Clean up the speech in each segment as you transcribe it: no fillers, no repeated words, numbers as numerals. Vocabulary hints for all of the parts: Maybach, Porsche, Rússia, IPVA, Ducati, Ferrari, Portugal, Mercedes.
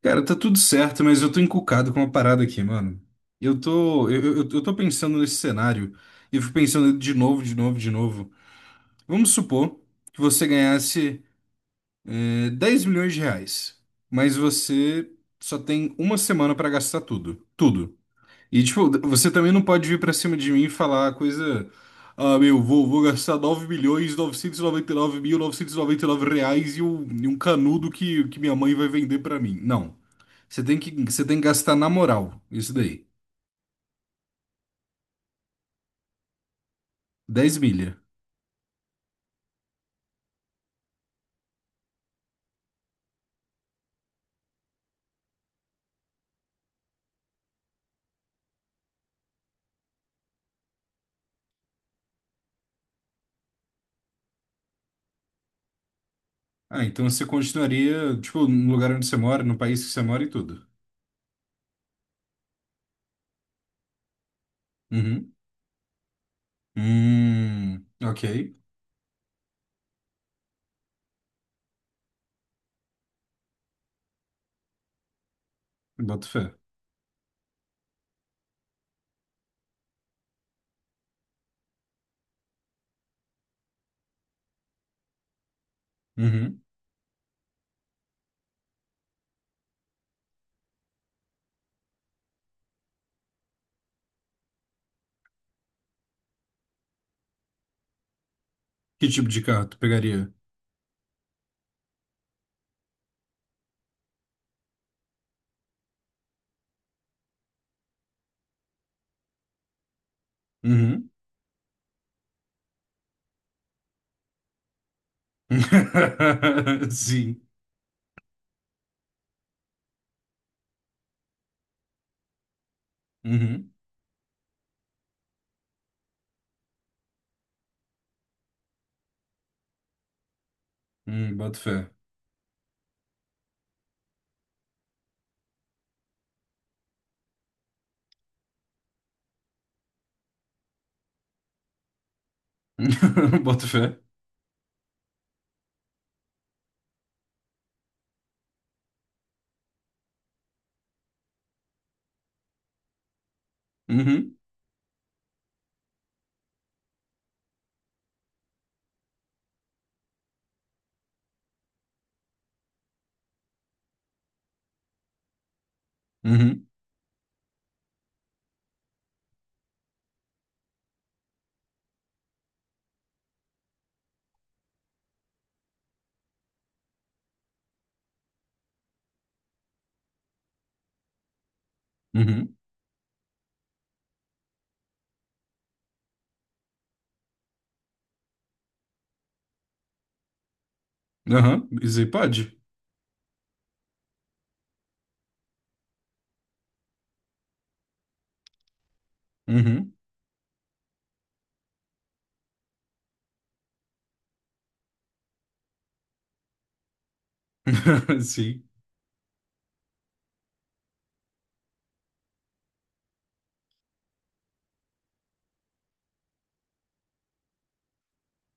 Cara, tá tudo certo, mas eu tô encucado com uma parada aqui, mano. Eu tô pensando nesse cenário e eu fico pensando de novo, de novo, de novo. Vamos supor que você ganhasse, 10 milhões de reais, mas você só tem uma semana pra gastar tudo. Tudo. E, tipo, você também não pode vir pra cima de mim e falar coisa. Ah, meu, vou gastar R$ 9.999.999 e um canudo que minha mãe vai vender pra mim. Não. Você tem que gastar na moral, isso daí. Dez milha. Ah, então você continuaria, tipo, no lugar onde você mora, no país que você mora e tudo. Uhum. Ok. Boto fé. Uhum. Que tipo de carro tu pegaria? Uhum. Sim. Uhum. Boto fé. Boto fé. Uhum, uhum, uhum. Aham, isso aí pode. Uhum. Sim.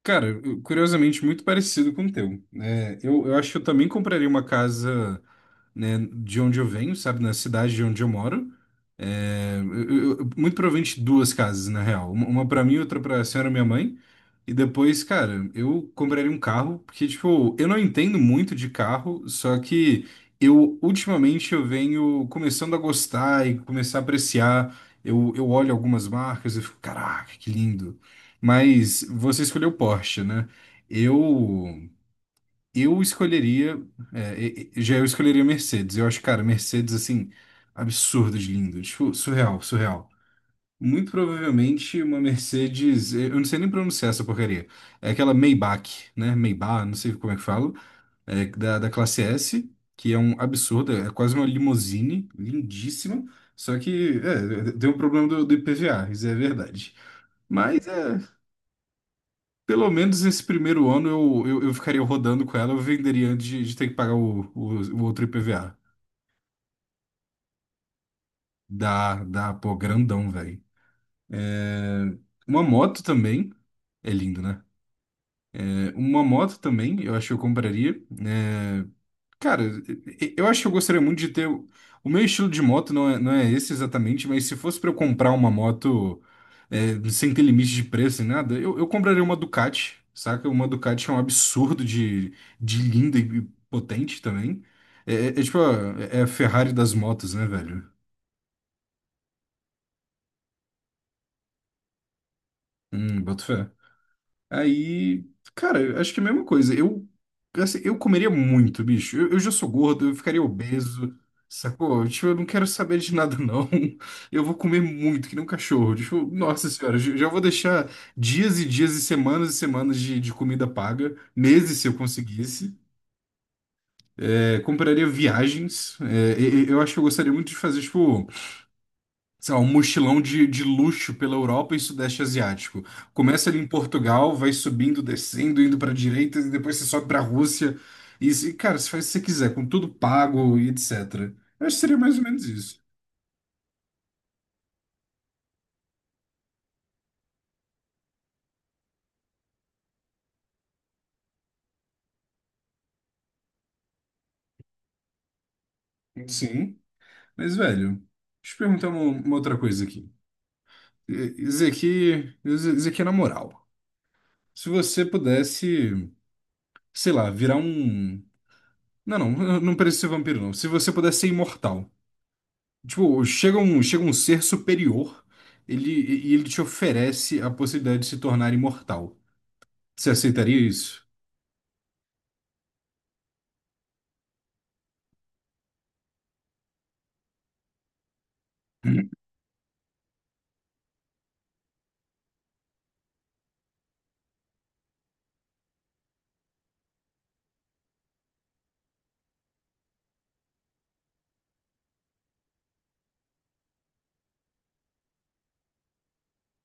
Cara, curiosamente, muito parecido com o teu. É, eu acho que eu também compraria uma casa, né, de onde eu venho, sabe, na cidade de onde eu moro. É, muito provavelmente duas casas, na real. Uma para mim, outra para a senhora minha mãe. E depois, cara, eu compraria um carro, porque, tipo, eu não entendo muito de carro, só que eu, ultimamente, eu venho começando a gostar e começar a apreciar. Eu olho algumas marcas e fico, caraca, que lindo. Mas você escolheu Porsche, né? Eu eu escolheria, já eu escolheria Mercedes. Eu acho, cara, Mercedes assim absurdo de lindo, tipo, surreal, surreal. Muito provavelmente uma Mercedes, eu não sei nem pronunciar essa porcaria. É aquela Maybach, né? Maybach, não sei como é que falo, é da classe S, que é um absurdo, é quase uma limousine, lindíssima. Só que é, deu um problema do IPVA, isso é verdade. Mas é. Pelo menos esse primeiro ano eu ficaria rodando com ela, eu venderia antes de ter que pagar o outro IPVA. Dá, dá, pô, grandão, velho. É, uma moto também. É lindo, né? É, uma moto também, eu acho que eu compraria, né? Cara, eu acho que eu gostaria muito de ter. O meu estilo de moto não é esse exatamente, mas se fosse pra eu comprar uma moto, sem ter limite de preço nem nada, eu compraria uma Ducati, saca? Uma Ducati é um absurdo de linda e potente também. É, é- é tipo a, é a Ferrari das motos, né, velho? Boto fé. Aí, cara, eu acho que é a mesma coisa. Eu, assim, eu comeria muito, bicho. Eu já sou gordo, eu ficaria obeso, sacou? Tipo, eu não quero saber de nada, não. Eu vou comer muito, que nem um cachorro. Tipo, nossa senhora, já já vou deixar dias e dias e semanas de comida paga, meses se eu conseguisse. É, compraria viagens. É, eu acho que eu gostaria muito de fazer, tipo, sei lá, um mochilão de luxo pela Europa e Sudeste Asiático. Começa ali em Portugal, vai subindo, descendo, indo para direita, e depois você sobe para a Rússia. E, cara, você faz o que você quiser, com tudo pago e etc. Eu acho que seria mais ou menos isso. Sim. Mas, velho, deixa eu perguntar uma outra coisa aqui. Isso aqui, isso aqui é na moral. Se você pudesse, sei lá, virar um. Não, não, não precisa ser vampiro, não. Se você pudesse ser imortal. Tipo, chega um ser superior, ele, e ele te oferece a possibilidade de se tornar imortal. Você aceitaria isso?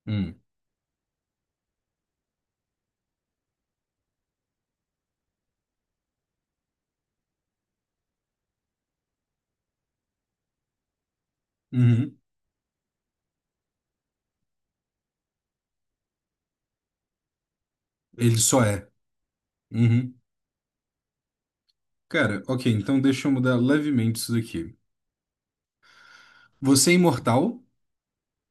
Hum. Uhum. Ele só é. Uhum. Cara, ok, então deixa eu mudar levemente isso daqui. Você é imortal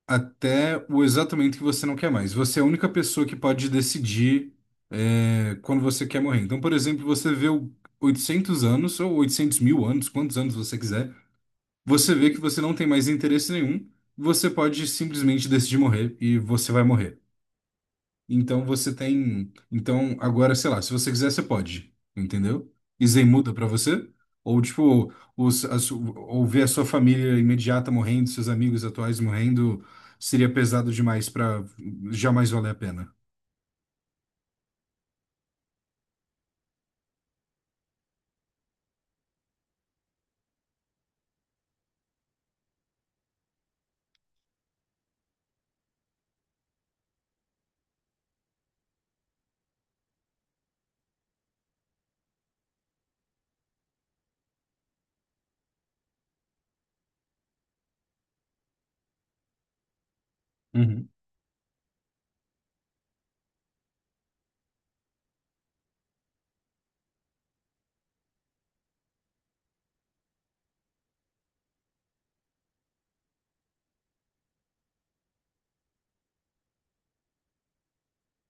até o exato momento que você não quer mais. Você é a única pessoa que pode decidir, quando você quer morrer. Então, por exemplo, você viveu 800 anos ou 800.000 anos, quantos anos você quiser. Você vê que você não tem mais interesse nenhum, você pode simplesmente decidir morrer e você vai morrer. Então você tem. Então agora, sei lá, se você quiser, você pode, entendeu? E Zen muda pra você? Ou tipo, ou ver a sua família imediata morrendo, seus amigos atuais morrendo, seria pesado demais pra jamais valer a pena. Uhum.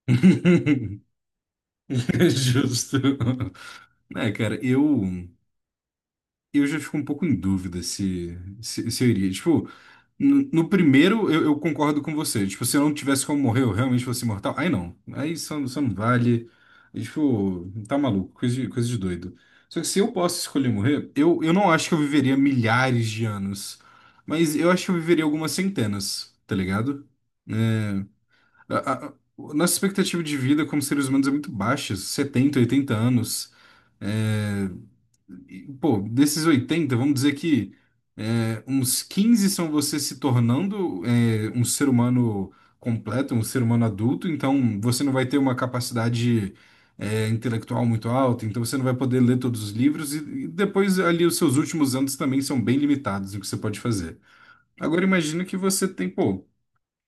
Justo. É, cara, eu já fico um pouco em dúvida se eu iria. Tipo, no primeiro, eu concordo com você. Tipo, se eu não tivesse como morrer, eu realmente fosse imortal. Aí não. Aí só, isso não vale. E, tipo, tá maluco. Coisa de doido. Só que se eu posso escolher morrer, eu não acho que eu viveria milhares de anos. Mas eu acho que eu viveria algumas centenas, tá ligado? Né? A, a- a- Nossa expectativa de vida como seres humanos é muito baixa, 70, 80 anos. É, Pô, desses 80 vamos dizer que uns 15 são você se tornando um ser humano completo, um ser humano adulto, então você não vai ter uma capacidade intelectual muito alta, então você não vai poder ler todos os livros, e depois ali os seus últimos anos também são bem limitados no que você pode fazer. Agora imagina que você tem, pô,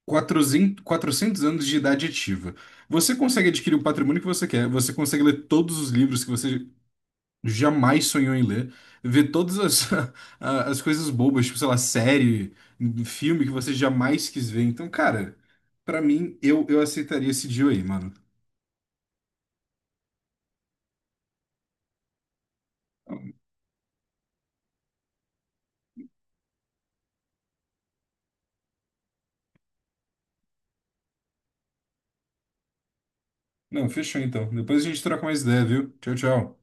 quatrocentos anos de idade ativa. Você consegue adquirir o patrimônio que você quer, você consegue ler todos os livros que você jamais sonhou em ler, ver todas as, as coisas bobas, tipo, sei lá, série, filme que você jamais quis ver. Então, cara, pra mim, eu aceitaria esse deal aí, mano. Não, fechou então. Depois a gente troca mais ideia, viu? Tchau, tchau.